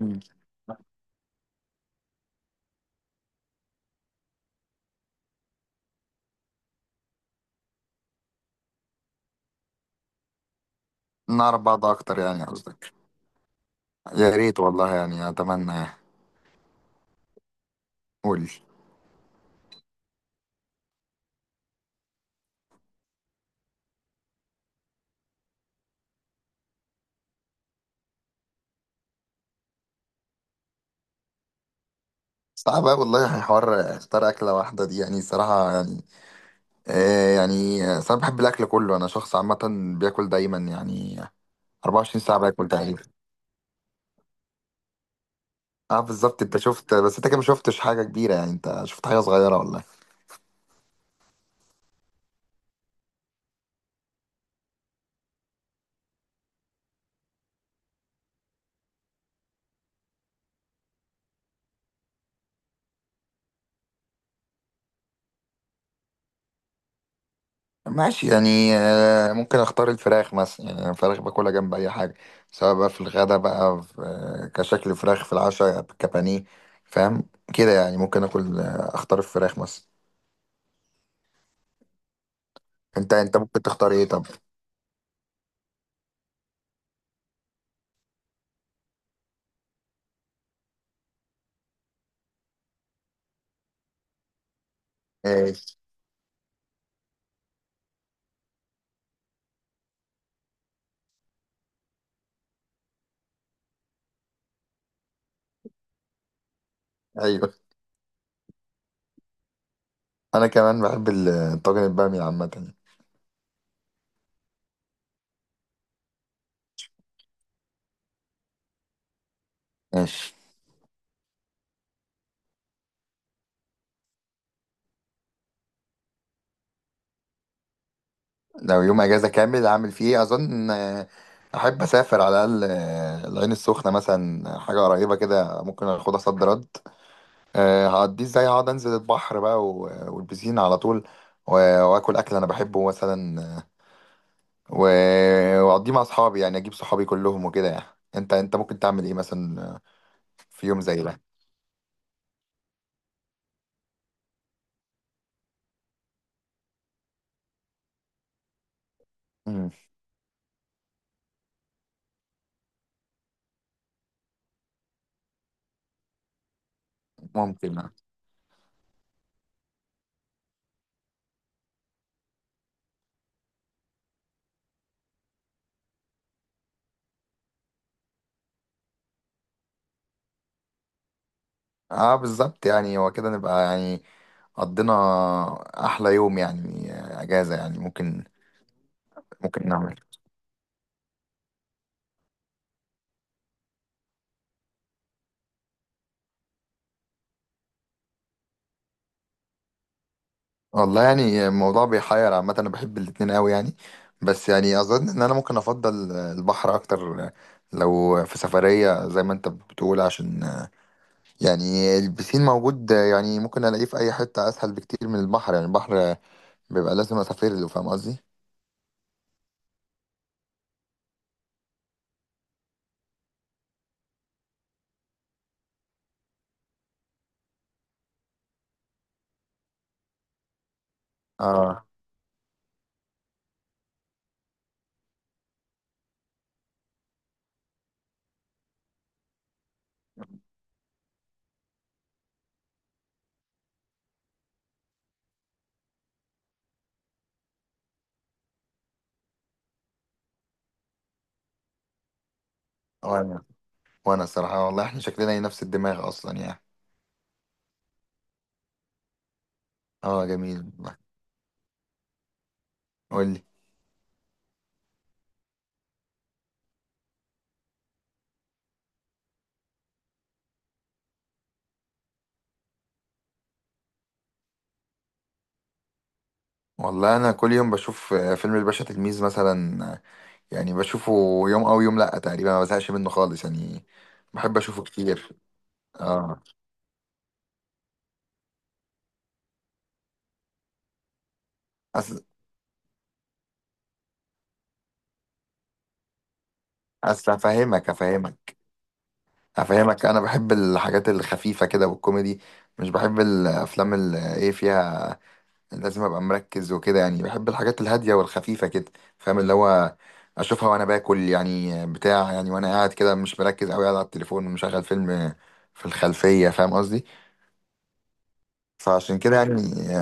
مم. نعرف بعض اكتر يعني قصدك. يا ريت والله يعني اتمنى يعني. قول. صعب أوي والله، حوار اختار اكله واحده دي يعني صراحه يعني. آه يعني أصل انا بحب الاكل كله، انا شخص عامه بياكل دايما يعني. 24 ساعه باكل تقريبا. اه بالظبط انت شفت، بس انت كده ما شفتش حاجه كبيره يعني، انت شفت حاجه صغيره والله. ماشي يعني، ممكن اختار الفراخ مثلا يعني. أنا الفراخ باكلها جنب اي حاجه، سواء بقى في الغدا بقى في كشكل فراخ، في العشاء كبانيه. فاهم كده يعني، ممكن اكل، اختار الفراخ مثلا. انت انت ممكن تختار ايه طب؟ ماشي. ايوه انا كمان بحب طاجن الباميه عامه. ماشي. لو يوم اجازه كامل اعمل فيه إيه؟ اظن احب اسافر على الاقل، العين السخنه مثلا، حاجه قريبه كده ممكن اخدها صد رد. هعديه ازاي؟ اقعد انزل البحر بقى والبسين على طول، واكل اكل انا بحبه مثلا، و- واقضيه مع اصحابي يعني، اجيب صحابي كلهم وكده يعني. انت انت ممكن تعمل ايه مثلا في يوم زي ده؟ مم، ممكن اه. بالظبط يعني هو كده نبقى يعني قضينا احلى يوم يعني، اجازة يعني ممكن. ممكن نعمل. والله يعني الموضوع بيحير عامة، أنا بحب الاتنين أوي يعني، بس يعني أظن إن أنا ممكن أفضل البحر أكتر لو في سفرية زي ما أنت بتقول. عشان يعني البسين موجود يعني ممكن ألاقيه في أي حتة أسهل بكتير من البحر، يعني البحر بيبقى لازم أسافر له، فاهم قصدي؟ آه. وأنا وأنا الصراحة والله إحنا شكلنا هي نفس الدماغ أصلا يعني. آه جميل والله. قول لي. والله أنا كل يوم بشوف فيلم الباشا تلميذ مثلا، يعني بشوفه يوم او يوم لا تقريبا، ما بزهقش منه خالص يعني، بحب اشوفه كتير. اه. اصل اصل افهمك افهمك افهمك انا بحب الحاجات الخفيفه كده والكوميدي، مش بحب الافلام اللي ايه فيها لازم ابقى مركز وكده يعني. بحب الحاجات الهاديه والخفيفه كده، فاهم اللي هو اشوفها وانا باكل يعني بتاع يعني، وانا قاعد كده مش مركز قوي، قاعد على التليفون مشغل فيلم في الخلفيه، فاهم قصدي؟ فعشان كده يعني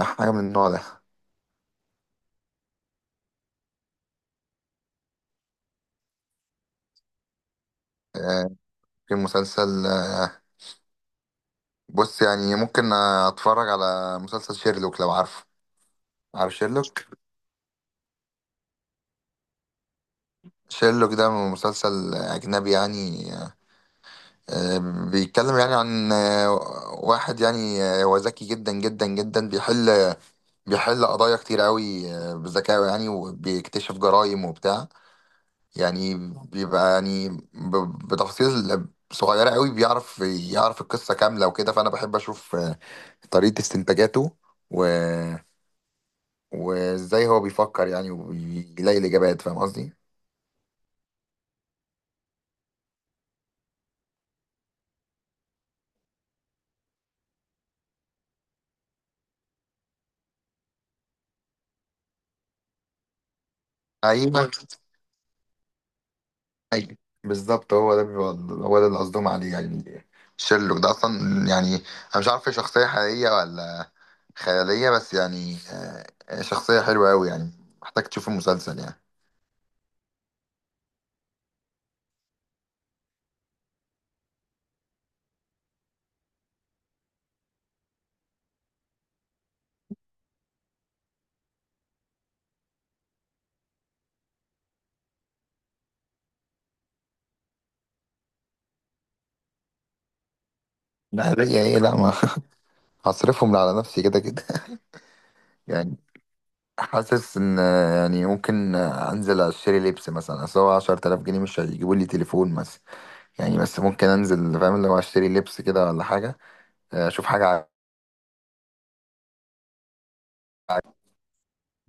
حاجه من النوع ده. آه، في مسلسل، بص يعني ممكن اتفرج على مسلسل شيرلوك، لو عارفه. عارف شيرلوك. شيرلوك ده مسلسل اجنبي يعني، بيتكلم يعني عن واحد يعني، هو ذكي جدا جدا جدا، بيحل قضايا كتير قوي، بذكائه يعني، وبيكتشف جرائم وبتاع يعني. بيبقى يعني بتفاصيل صغيرة قوي بيعرف يعرف القصة كاملة وكده. فأنا بحب أشوف طريقة استنتاجاته، و وازاي هو بيفكر يعني وبيلاقي الاجابات، فاهم قصدي؟ ايوه ايوه، بالظبط هو ده بيبقى هو ده اللي قصدهم عليه يعني. شيرلوك ده اصلا يعني انا مش عارف هي شخصيه حقيقيه ولا خياليه، بس يعني شخصيه حلوه قوي يعني، محتاج تشوف المسلسل يعني. لا ليا ايه لا ما. هصرفهم على نفسي كده كده. يعني حاسس ان يعني ممكن انزل اشتري لبس مثلا، اصل هو 10000 جنيه مش هيجيبوا لي تليفون مثلا يعني، بس ممكن انزل فاهم، لو اشتري لبس كده ولا حاجه، اشوف حاجه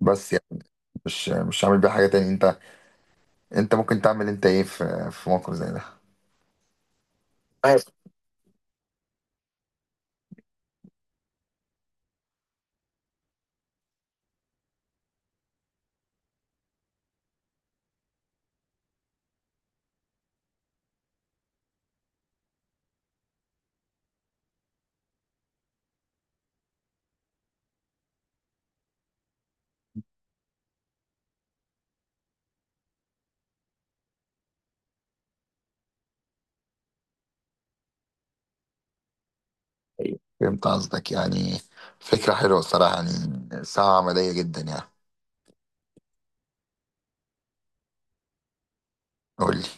بس يعني مش هعمل بيها حاجه تاني. انت انت ممكن تعمل انت ايه في موقف زي ده؟ عارف. فهمت قصدك يعني. فكره حلوه الصراحه يعني، ساعه عمليه جدا يعني. قول لي.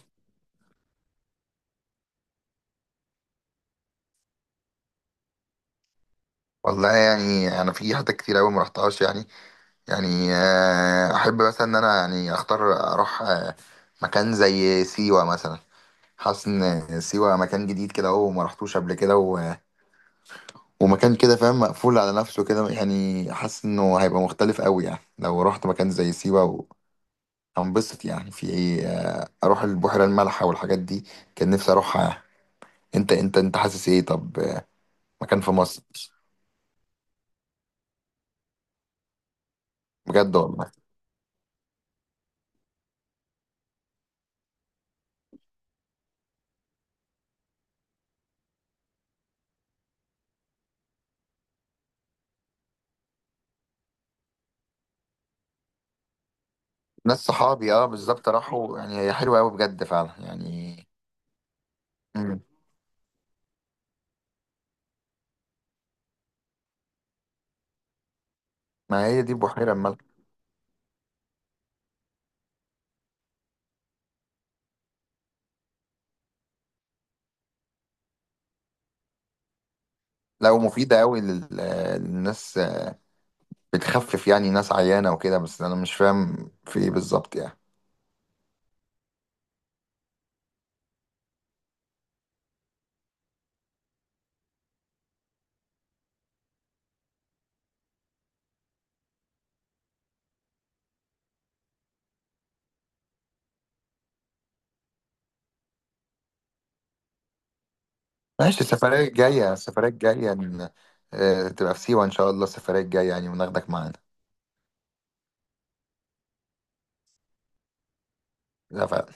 والله يعني انا في حتت كتير قوي ما رحتهاش يعني. يعني احب مثلا ان انا يعني اختار اروح مكان زي سيوه مثلا. حاسس ان سيوه مكان جديد كده اهو، ما رحتوش قبل كده، ومكان كده فاهم مقفول على نفسه كده يعني، حاسس انه هيبقى مختلف قوي يعني لو رحت مكان زي سيوة هنبسط يعني في ايه، اروح البحيرة المالحة والحاجات دي. كان نفسي اروحها يعني. انت انت انت حاسس ايه طب، مكان في مصر؟ بجد والله. ناس صحابي اه بالظبط راحوا، يعني هي حلوة قوي بجد فعلا يعني. مم. ما هي دي البحيرة المالحة. لا ومفيدة قوي للناس، بتخفف يعني ناس عيانة وكده، بس انا مش فاهم في ايه بالظبط يعني. ماشي، السفرية الجاية السفرية الجاية تبقى في سيوة إن شاء الله السفرية الجاية يعني، وناخدك معانا. لا،